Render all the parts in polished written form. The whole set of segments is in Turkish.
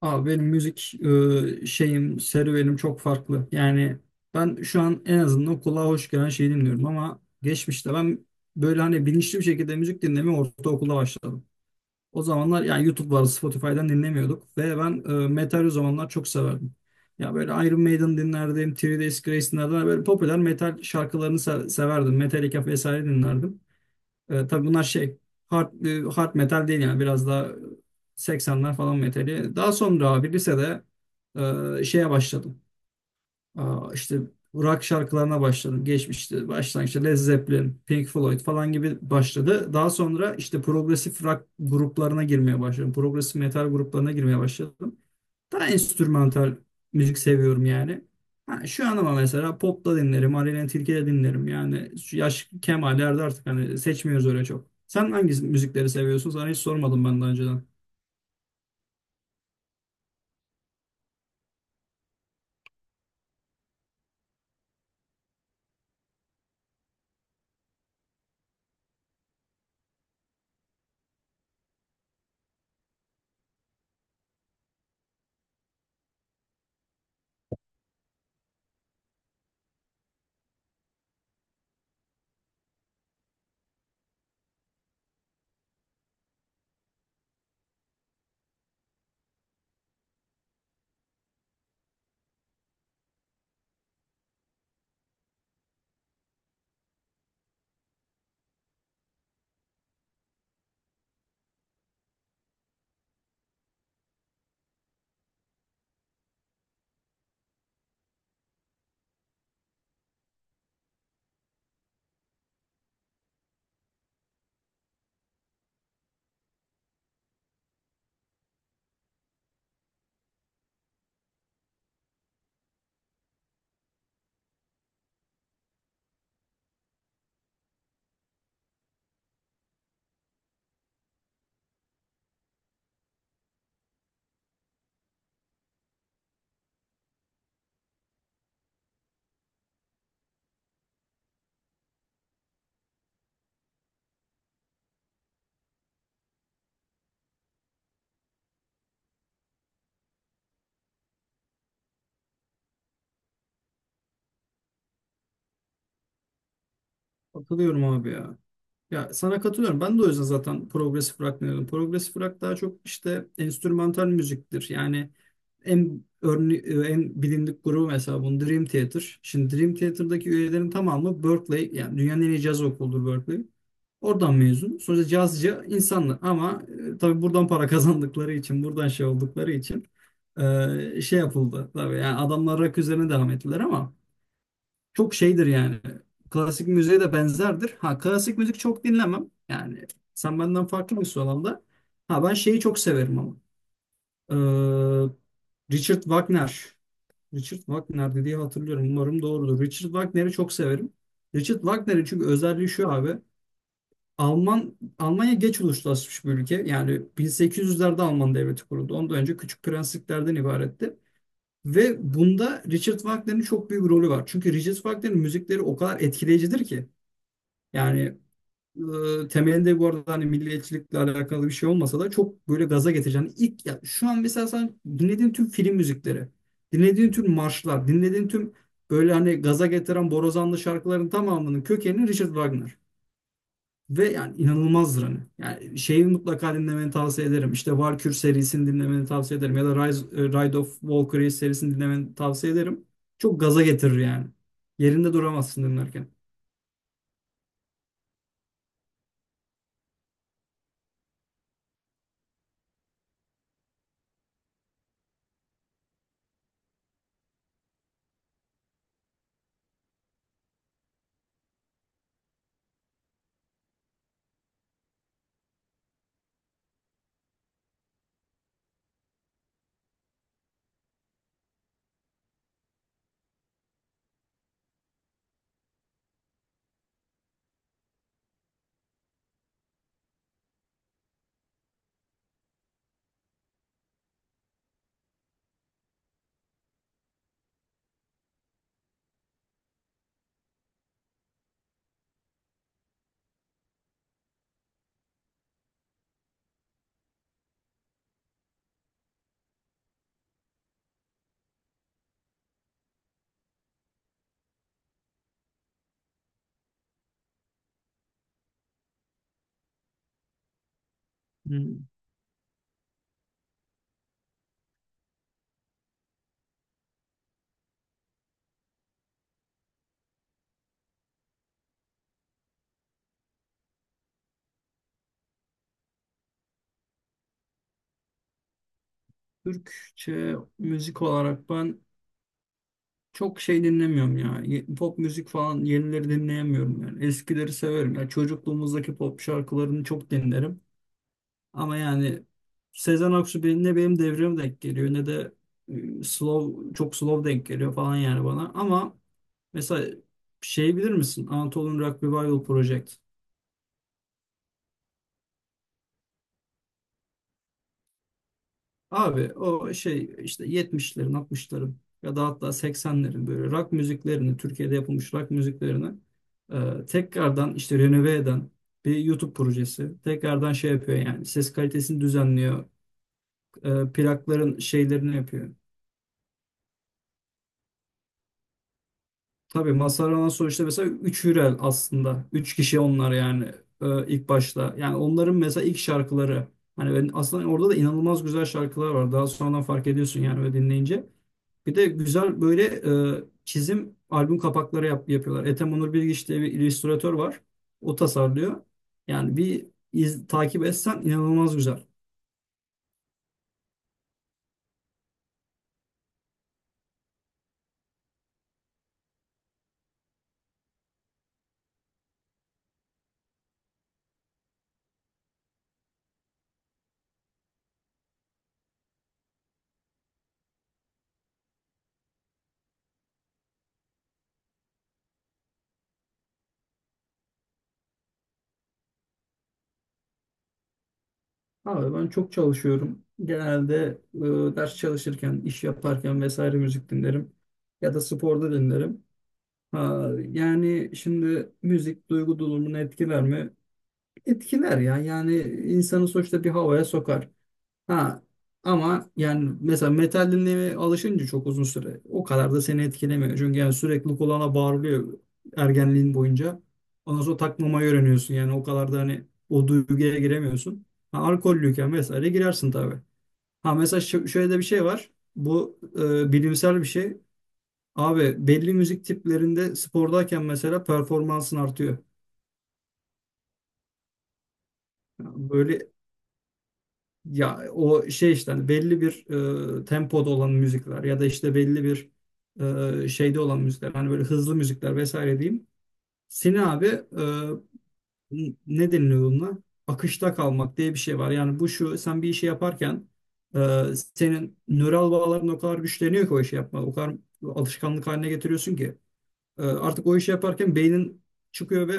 Abi benim müzik şeyim, serüvenim çok farklı. Yani ben şu an en azından kulağa hoş gelen şeyi dinliyorum ama geçmişte ben böyle hani bilinçli bir şekilde müzik dinlemeye ortaokulda başladım. O zamanlar yani YouTube vardı, Spotify'dan dinlemiyorduk ve ben metal o zamanlar çok severdim. Ya böyle Iron Maiden dinlerdim, Three Days Grace dinlerdim. Böyle popüler metal şarkılarını severdim. Metallica vesaire dinlerdim. Tabii bunlar şey hard, hard metal değil yani biraz daha 80'ler falan metali. Daha sonra abi lisede şeye başladım. Aa, işte rock şarkılarına başladım. Geçmişti. Başlangıçta Led Zeppelin, Pink Floyd falan gibi başladı. Daha sonra işte progresif rock gruplarına girmeye başladım. Progresif metal gruplarına girmeye başladım. Daha enstrümantal müzik seviyorum yani. Ha, şu an ama mesela pop da dinlerim, Aleyna Tilki de dinlerim. Yani şu yaş kemallerde artık hani seçmiyoruz öyle çok. Sen hangi müzikleri seviyorsun? Sana hiç sormadım ben daha önceden. Katılıyorum abi ya. Ya sana katılıyorum. Ben de o yüzden zaten progresif rock dinledim. Progresif rock daha çok işte enstrümantal müziktir. Yani en örne en bilindik grubu mesela bunun Dream Theater. Şimdi Dream Theater'daki üyelerin tamamı Berkeley, yani dünyanın en iyi caz okuludur Berkeley. Oradan mezun. Sonuçta cazcı insanlar ama tabii buradan para kazandıkları için, buradan şey oldukları için şey yapıldı. Tabii yani adamlar rock üzerine devam ettiler ama çok şeydir yani. Klasik müziğe de benzerdir. Ha, klasik müzik çok dinlemem. Yani sen benden farklı mısın o alanda? Ha, ben şeyi çok severim ama. Ee, Richard Wagner. Richard Wagner diye hatırlıyorum. Umarım doğrudur. Richard Wagner'i çok severim. Richard Wagner'in çünkü özelliği şu abi. Almanya geç uluslaşmış bir ülke. Yani 1800'lerde Alman devleti kuruldu. Ondan önce küçük prensliklerden ibaretti. Ve bunda Richard Wagner'in çok büyük rolü var. Çünkü Richard Wagner'in müzikleri o kadar etkileyicidir ki. Yani temelinde bu arada hani milliyetçilikle alakalı bir şey olmasa da çok böyle gaza getiren ilk, ya şu an mesela sen dinlediğin tüm film müzikleri, dinlediğin tüm marşlar, dinlediğin tüm böyle hani gaza getiren borazanlı şarkıların tamamının kökeni Richard Wagner. Ve yani inanılmazdır hani. Yani şeyi mutlaka dinlemeni tavsiye ederim. İşte Valkür serisini dinlemeni tavsiye ederim. Ya da Ride of Valkyrie serisini dinlemeni tavsiye ederim. Çok gaza getirir yani. Yerinde duramazsın dinlerken. Hmm. Türkçe müzik olarak ben çok şey dinlemiyorum ya. Pop müzik falan yenileri dinleyemiyorum yani. Eskileri severim. Ya çocukluğumuzdaki pop şarkılarını çok dinlerim. Ama yani Sezen Aksu benim, ne benim devrime denk geliyor ne de e, slow çok slow denk geliyor falan yani bana. Ama mesela şey bilir misin? Anatolian Rock Revival Project. Abi o şey işte 70'lerin, 60'ların ya da hatta 80'lerin böyle rock müziklerini, Türkiye'de yapılmış rock müziklerini tekrardan işte renove eden bir YouTube projesi. Tekrardan şey yapıyor, yani ses kalitesini düzenliyor. E, plakların şeylerini yapıyor. Tabii Masarana sonuçta mesela 3 Hürel aslında. Üç kişi onlar yani ilk başta. Yani onların mesela ilk şarkıları. Hani ben aslında orada da inanılmaz güzel şarkılar var. Daha sonradan fark ediyorsun yani ve dinleyince. Bir de güzel böyle çizim albüm kapakları yapıyorlar. Ethem Onur Bilgiç diye bir illüstratör var. O tasarlıyor. Yani bir takip etsen inanılmaz güzel. Abi ben çok çalışıyorum. Genelde ders çalışırken, iş yaparken vesaire müzik dinlerim. Ya da sporda dinlerim. Ha, yani şimdi müzik duygu durumunu etkiler mi? Etkiler ya. Yani insanı sonuçta bir havaya sokar. Ha, ama yani mesela metal dinlemeye alışınca çok uzun süre o kadar da seni etkilemiyor. Çünkü yani sürekli kulağına bağırılıyor ergenliğin boyunca. Ondan sonra takmamayı öğreniyorsun. Yani o kadar da hani o duyguya giremiyorsun. Ha, alkollüyken vesaire girersin tabii. Ha, mesela şöyle de bir şey var. Bu bilimsel bir şey. Abi belli müzik tiplerinde spordayken mesela performansın artıyor. Yani böyle, ya o şey işte hani belli bir tempoda olan müzikler ya da işte belli bir şeyde olan müzikler, hani böyle hızlı müzikler vesaire diyeyim. Seni abi ne deniliyor bununla? Akışta kalmak diye bir şey var. Yani bu şu: sen bir işi yaparken e, senin nöral bağların o kadar güçleniyor ki o işi yapma. O kadar alışkanlık haline getiriyorsun ki. E, artık o işi yaparken beynin çıkıyor ve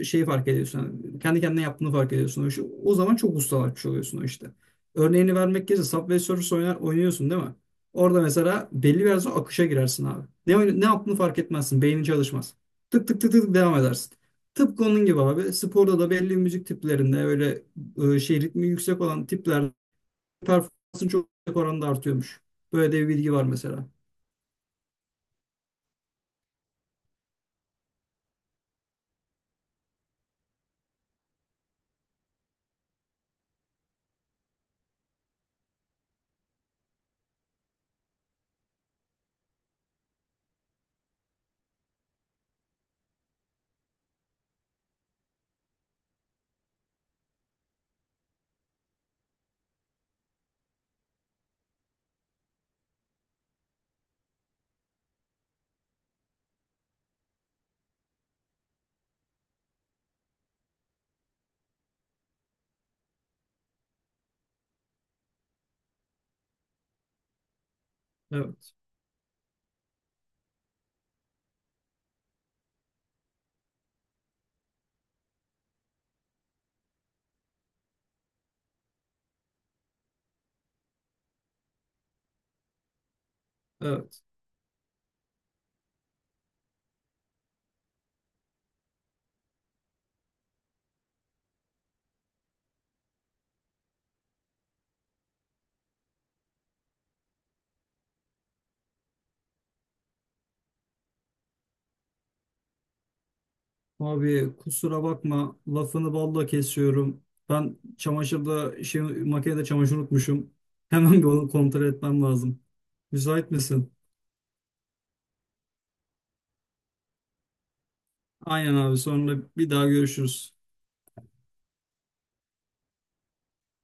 şeyi fark ediyorsun. Yani kendi kendine yaptığını fark ediyorsun o işi. O zaman çok ustalaşmış oluyorsun o işte. Örneğini vermek gerekirse Subway Surfers oynuyorsun değil mi? Orada mesela belli bir yerden sonra akışa girersin abi. Ne yaptığını fark etmezsin. Beynin çalışmaz. Tık tık tık tık devam edersin. Tıpkı onun gibi abi. Sporda da belli müzik tiplerinde öyle şey ritmi yüksek olan tiplerde performansın çok yüksek oranda artıyormuş. Böyle de bir bilgi var mesela. Evet. Evet. Abi kusura bakma, lafını balla kesiyorum. Ben makinede çamaşır unutmuşum. Hemen bir onu kontrol etmem lazım. Müsait misin? Aynen abi, sonra bir daha görüşürüz.